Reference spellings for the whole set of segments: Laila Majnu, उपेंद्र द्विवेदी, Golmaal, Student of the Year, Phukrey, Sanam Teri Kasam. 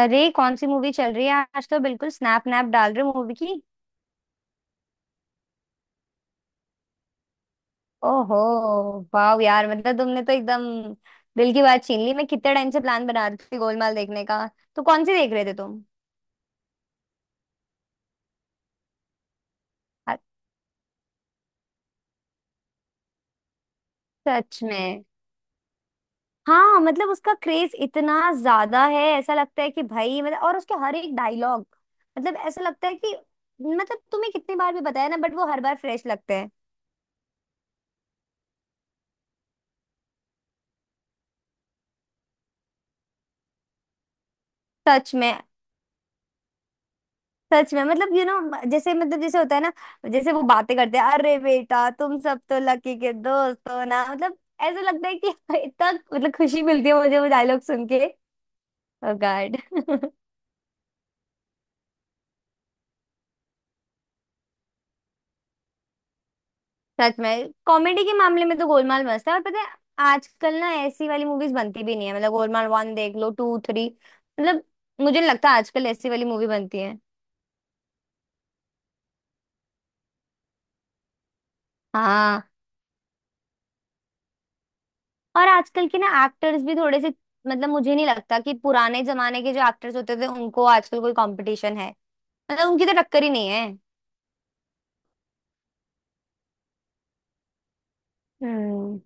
अरे कौन सी मूवी चल रही है? आज तो बिल्कुल स्नैप नैप डाल रहे हो मूवी की। ओहो, वाह यार! तुमने तो एकदम दिल की बात छीन ली। मैं कितने टाइम से प्लान बना रही थी गोलमाल देखने का। तो कौन सी देख रहे थे तुम? अ- सच में? हाँ, उसका क्रेज इतना ज्यादा है, ऐसा लगता है कि भाई, और उसके हर एक डायलॉग, मतलब ऐसा लगता है कि मतलब तुम्हें कितनी बार भी बताया ना, बट वो हर बार फ्रेश लगते हैं। सच में, सच में। यू नो, जैसे होता है ना, जैसे वो बातें करते हैं, अरे बेटा तुम सब तो लकी के दोस्त हो ना, मतलब ऐसा लगता है कि इतना खुशी मिलती है मुझे वो डायलॉग सुन के। Oh God! सच में कॉमेडी के मामले में तो गोलमाल मस्त है। और पता है, आजकल ना ऐसी वाली मूवीज बनती भी नहीं है। गोलमाल वन देख लो, टू, थ्री। मतलब मुझे नहीं लगता आजकल ऐसी वाली मूवी बनती है। हाँ, और आजकल के ना एक्टर्स भी थोड़े से, मुझे नहीं लगता कि पुराने जमाने के जो एक्टर्स होते थे उनको आजकल कोई कंपटीशन है। उनकी तो टक्कर ही नहीं है। हम्म।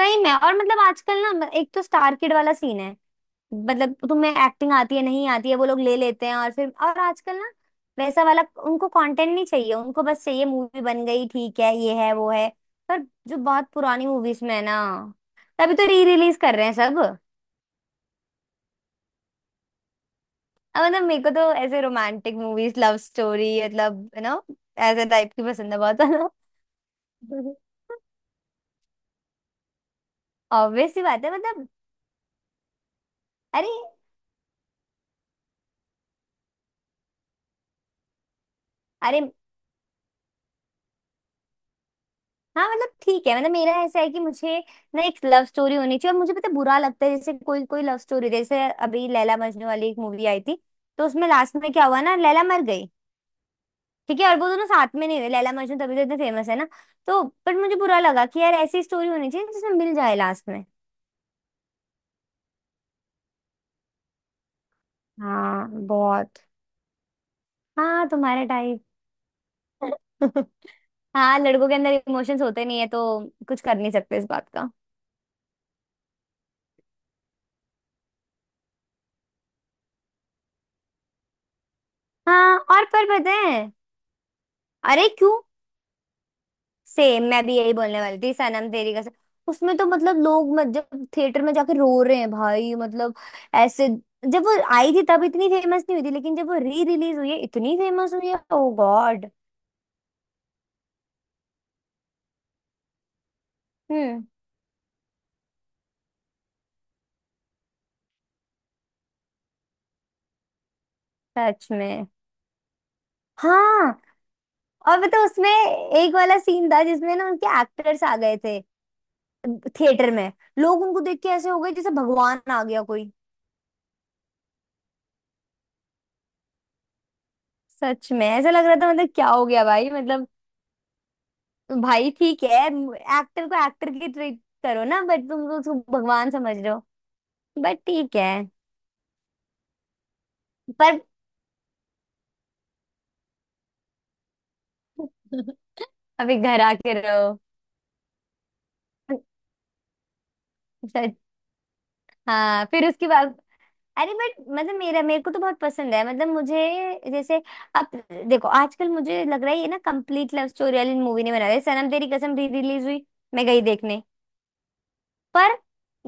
सही में। और आजकल ना एक तो स्टार किड वाला सीन है। तुम्हें एक्टिंग आती है नहीं आती है, वो लोग ले लेते हैं। और फिर और आजकल ना वैसा वाला, उनको कंटेंट नहीं चाहिए। उनको बस चाहिए मूवी बन गई, ठीक है, ये है वो है। पर जो बहुत पुरानी मूवीज में है ना, तभी तो री रिलीज कर रहे हैं सब। अब मेरे को तो ऐसे romantic movies, love story, you know, ऐसे टाइप की पसंद है बहुत। है ना? ऑब्वियस सी बात है अरे, अरे, हाँ मतलब ठीक है मतलब मेरा ऐसा है कि मुझे ना एक लव स्टोरी होनी चाहिए। और मुझे पता है, बुरा लगता है जैसे कोई कोई लव स्टोरी, जैसे अभी लैला मजनू वाली एक मूवी आई थी, तो उसमें लास्ट में क्या हुआ ना, लैला मर गई। ठीक है, और वो दोनों साथ में नहीं हुए। लैला मजनू तभी तो इतने फेमस है ना। तो पर मुझे बुरा लगा कि यार ऐसी स्टोरी होनी चाहिए जिसमें मिल जाए लास्ट में। हाँ, बहुत। हाँ, तुम्हारे टाइप। हाँ, लड़कों के अंदर इमोशंस होते नहीं है, तो कुछ कर नहीं सकते इस बात का। हाँ, और पर पता है, अरे क्यों? सेम, मैं भी यही बोलने वाली थी, सनम तेरी कसम। उसमें तो लोग मत, जब थिएटर में जाके रो रहे हैं भाई ऐसे, जब वो आई थी तब इतनी फेमस नहीं हुई थी, लेकिन जब वो री रिलीज हुई है इतनी फेमस हुई है। Oh God! हम्म। सच में। हाँ और उसमें एक वाला सीन था जिसमें ना उनके एक्टर्स आ गए थे थिएटर में। लोग उनको देख के ऐसे हो गए जैसे भगवान आ गया कोई। सच में ऐसा लग रहा था क्या हो गया भाई भाई ठीक है, एक्टर को एक्टर की ट्रीट करो ना, बट तुम तो उसको भगवान समझ रहे हो। बट ठीक है। पर अभी घर आके रहो। सच। हाँ, फिर उसके बाद अरे बट मतलब मेरा मेरे को तो बहुत पसंद है मुझे, जैसे, अब देखो, आजकल मुझे लग रहा है ये ना कंप्लीट लव स्टोरी वाली मूवी नहीं बना रहे। सनम तेरी कसम री रिलीज हुई, मैं गई देखने। पर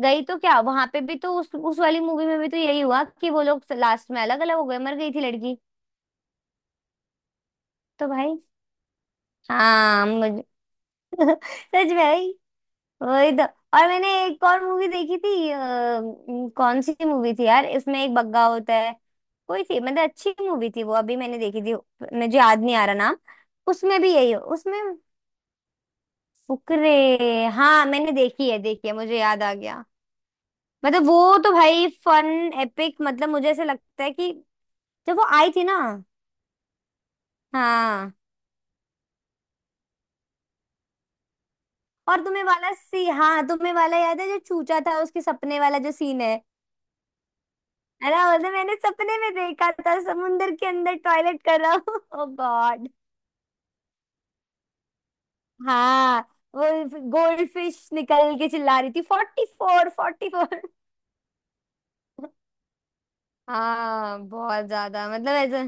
गई तो क्या, वहां पे भी तो उस वाली मूवी में भी तो यही हुआ कि वो लोग लास्ट में अलग अलग हो गए, मर गई थी लड़की। तो भाई, हाँ मुझे सच में भाई, वही तो। और मैंने एक और मूवी देखी थी, कौन सी मूवी थी यार, इसमें एक बग्गा होता है, कोई थी अच्छी मूवी थी वो, अभी मैंने देखी थी, मुझे याद नहीं आ रहा नाम। उसमें भी यही हो उसमें। फुकरे! हाँ मैंने देखी है, देखी है, मुझे याद आ गया। वो तो भाई फन, एपिक! मुझे ऐसा लगता है कि जब वो आई थी ना। हाँ, और तुम्हें वाला सी हाँ, तुम्हें वाला याद है जो चूचा था, उसके सपने वाला जो सीन है, अरे बोलते मैंने सपने में देखा था समुंदर के अंदर टॉयलेट कर रहा हूँ। ओ गॉड! हाँ वो गोल्ड फिश निकल के चिल्ला रही थी, फोर्टी फोर फोर्टी फोर। हाँ बहुत ज्यादा, ऐसा।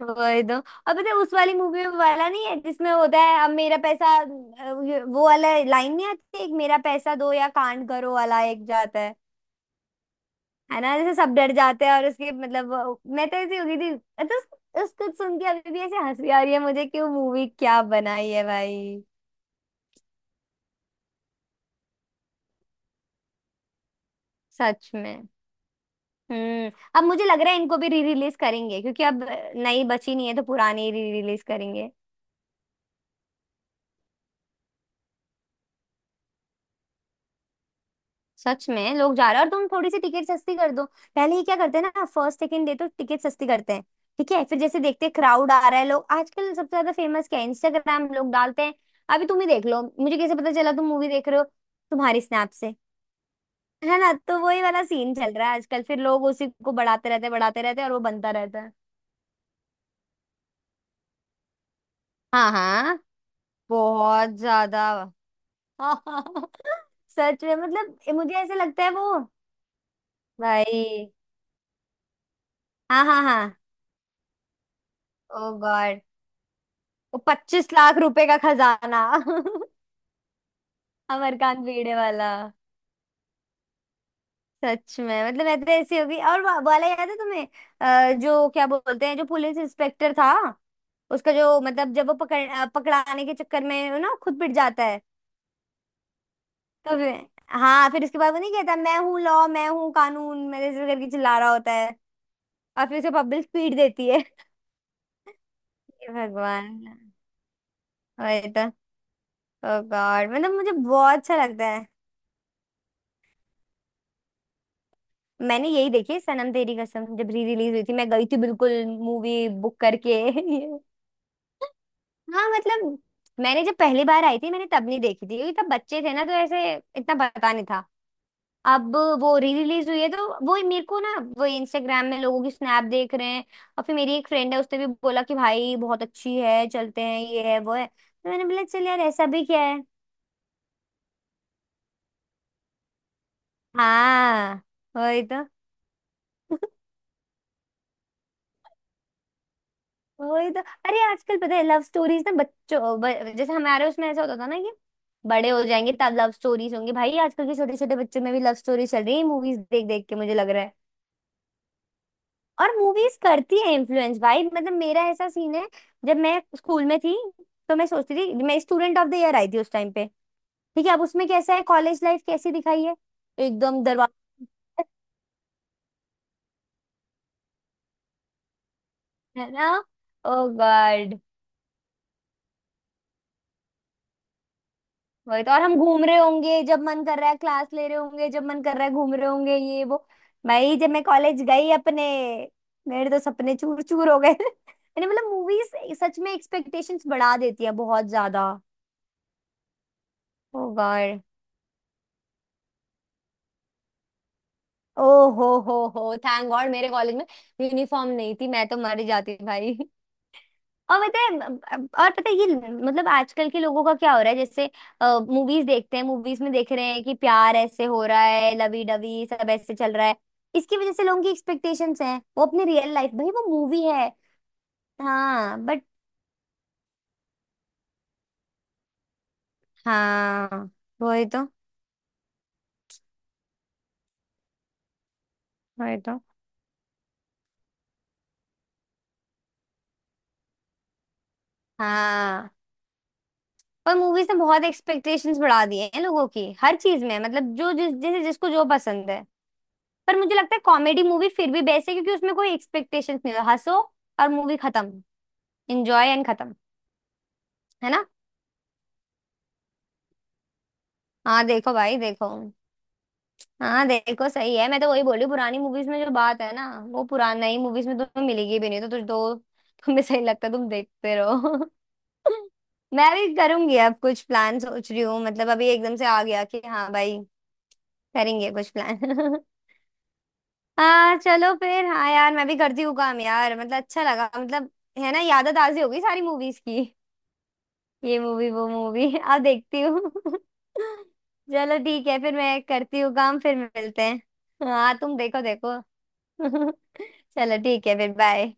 वही तो। अब पता है उस वाली मूवी में वाला नहीं है जिसमें होता है, अब मेरा पैसा, वो वाला लाइन नहीं आती एक, मेरा पैसा दो या कांड करो वाला एक जाता है ना, जैसे सब डर जाते हैं। और उसकी मैं तो ऐसी हो गई थी। तो उसको सुन के अभी भी ऐसे हंसी आ रही है मुझे कि वो मूवी क्या बनाई है भाई। सच में। हम्म। अब मुझे लग रहा है इनको भी री रिलीज करेंगे, क्योंकि अब नई बची नहीं है, तो पुरानी री रिलीज करेंगे। सच में लोग जा रहे हैं, और तुम थोड़ी सी टिकट सस्ती कर दो। पहले ये क्या करते हैं ना, फर्स्ट सेकंड डे तो टिकट सस्ती करते हैं। ठीक है, फिर जैसे देखते हैं क्राउड आ रहा है, लोग आजकल सबसे ज्यादा फेमस क्या है, इंस्टाग्राम लोग डालते हैं। अभी तुम ही देख लो, मुझे कैसे पता चला तुम मूवी देख रहे हो, तुम्हारी स्नैप से। है ना, तो वही वाला सीन चल रहा है आजकल। फिर लोग उसी को बढ़ाते रहते हैं, बढ़ाते रहते हैं, और वो बनता रहता है। हाँ हाँ, बहुत ज्यादा। सच में मुझे ऐसे लगता है वो, भाई हाँ हाँ हाँ। ओ गॉड, वो पच्चीस लाख रुपए का खजाना। अमरकांत भिड़े वाला! सच में मैं तो ऐसी होगी। और वाला याद है तुम्हें, जो क्या बोलते हैं जो पुलिस इंस्पेक्टर था, उसका जो जब वो पकड़ाने के चक्कर में ना खुद पिट जाता है, तो फिर- हाँ, फिर उसके बाद वो नहीं कहता, मैं हूँ लॉ, मैं हूँ कानून, मेरे से करके चिल्ला रहा होता है, और फिर उसे पब्लिक पीट देती है। हे भगवान! वही तो। ओ गॉड मुझे बहुत अच्छा लगता है। मैंने यही देखी, सनम तेरी कसम, जब री रिलीज हुई थी, मैं गई थी बिल्कुल मूवी बुक करके। हाँ मैंने जब पहली बार आई थी, मैंने तब नहीं देखी थी, क्योंकि तब बच्चे थे ना, तो ऐसे इतना पता नहीं था। अब वो री रिलीज हुई है तो वो मेरे को ना, वो इंस्टाग्राम में लोगों की स्नैप देख रहे हैं, और फिर मेरी एक फ्रेंड है, उसने भी बोला कि भाई बहुत अच्छी है, चलते हैं ये है वो है, तो मैंने बोला चल यार ऐसा भी क्या है। हाँ, वही तो। वही तो। अरे आजकल पता है, लव स्टोरीज ना बच्चों, जैसे हमारे उसमें ऐसा होता था ना कि बड़े हो जाएंगे तब लव स्टोरीज होंगी। भाई आजकल के छोटे छोटे बच्चों में भी लव स्टोरी चल रही है, मूवीज देख देख के, मुझे लग रहा है। और मूवीज करती है इन्फ्लुएंस भाई। मेरा ऐसा सीन है, जब मैं स्कूल में थी, तो मैं सोचती थी, मैं, स्टूडेंट ऑफ द ईयर आई थी उस टाइम पे। ठीक है, अब उसमें कैसा है कॉलेज लाइफ कैसी दिखाई है। एकदम दरवाजा, है ना। ओ गॉड! वही तो, और हम घूम रहे होंगे जब मन कर रहा है, क्लास ले रहे होंगे जब मन कर रहा है, घूम रहे होंगे ये वो। भाई जब मैं कॉलेज गई अपने, मेरे तो सपने चूर चूर हो गए। मैंने मूवीज, सच में एक्सपेक्टेशंस बढ़ा देती है बहुत ज्यादा। Oh God! ओ हो, थैंक गॉड मेरे कॉलेज में यूनिफॉर्म नहीं थी, मैं तो मर ही जाती भाई। और पता है, और पता है ये आजकल के लोगों का क्या हो रहा है, जैसे मूवीज देखते हैं, मूवीज में देख रहे हैं कि प्यार ऐसे हो रहा है, लवी डवी सब ऐसे चल रहा है, इसकी वजह से लोगों की एक्सपेक्टेशंस हैं, वो अपनी रियल लाइफ, भाई वो मूवी है। हाँ बट, हाँ, वही तो, वही तो। हाँ पर मूवीज ने बहुत एक्सपेक्टेशंस बढ़ा दिए हैं लोगों की, हर चीज में जो जिस जैसे जिसको जो पसंद है। पर मुझे लगता है कॉमेडी मूवी फिर भी बेस्ट है, क्योंकि उसमें कोई एक्सपेक्टेशंस नहीं होता, हंसो और मूवी खत्म, एंजॉय एंड खत्म। है ना? हाँ देखो भाई, देखो। हाँ देखो सही है, मैं तो वही बोली, पुरानी मूवीज में जो बात है ना, वो पुरानी नई मूवीज में तुम्हें मिलेगी भी नहीं, तो तुझ दो, तुम्हें सही लगता है, तुम देखते रहो। मैं भी करूंगी अब, कुछ प्लान सोच रही हूँ, अभी एकदम से आ गया कि हाँ भाई करेंगे कुछ प्लान। हाँ चलो फिर, हाँ यार, मैं भी करती हूँ काम यार। मतलब, अच्छा लगा। है ना, यादें ताज़ी हो गई सारी मूवीज की, ये मूवी वो मूवी। अब देखती हूँ। चलो ठीक है फिर, मैं करती हूँ काम, फिर मिलते हैं। हाँ तुम देखो, देखो। चलो ठीक है फिर, बाय।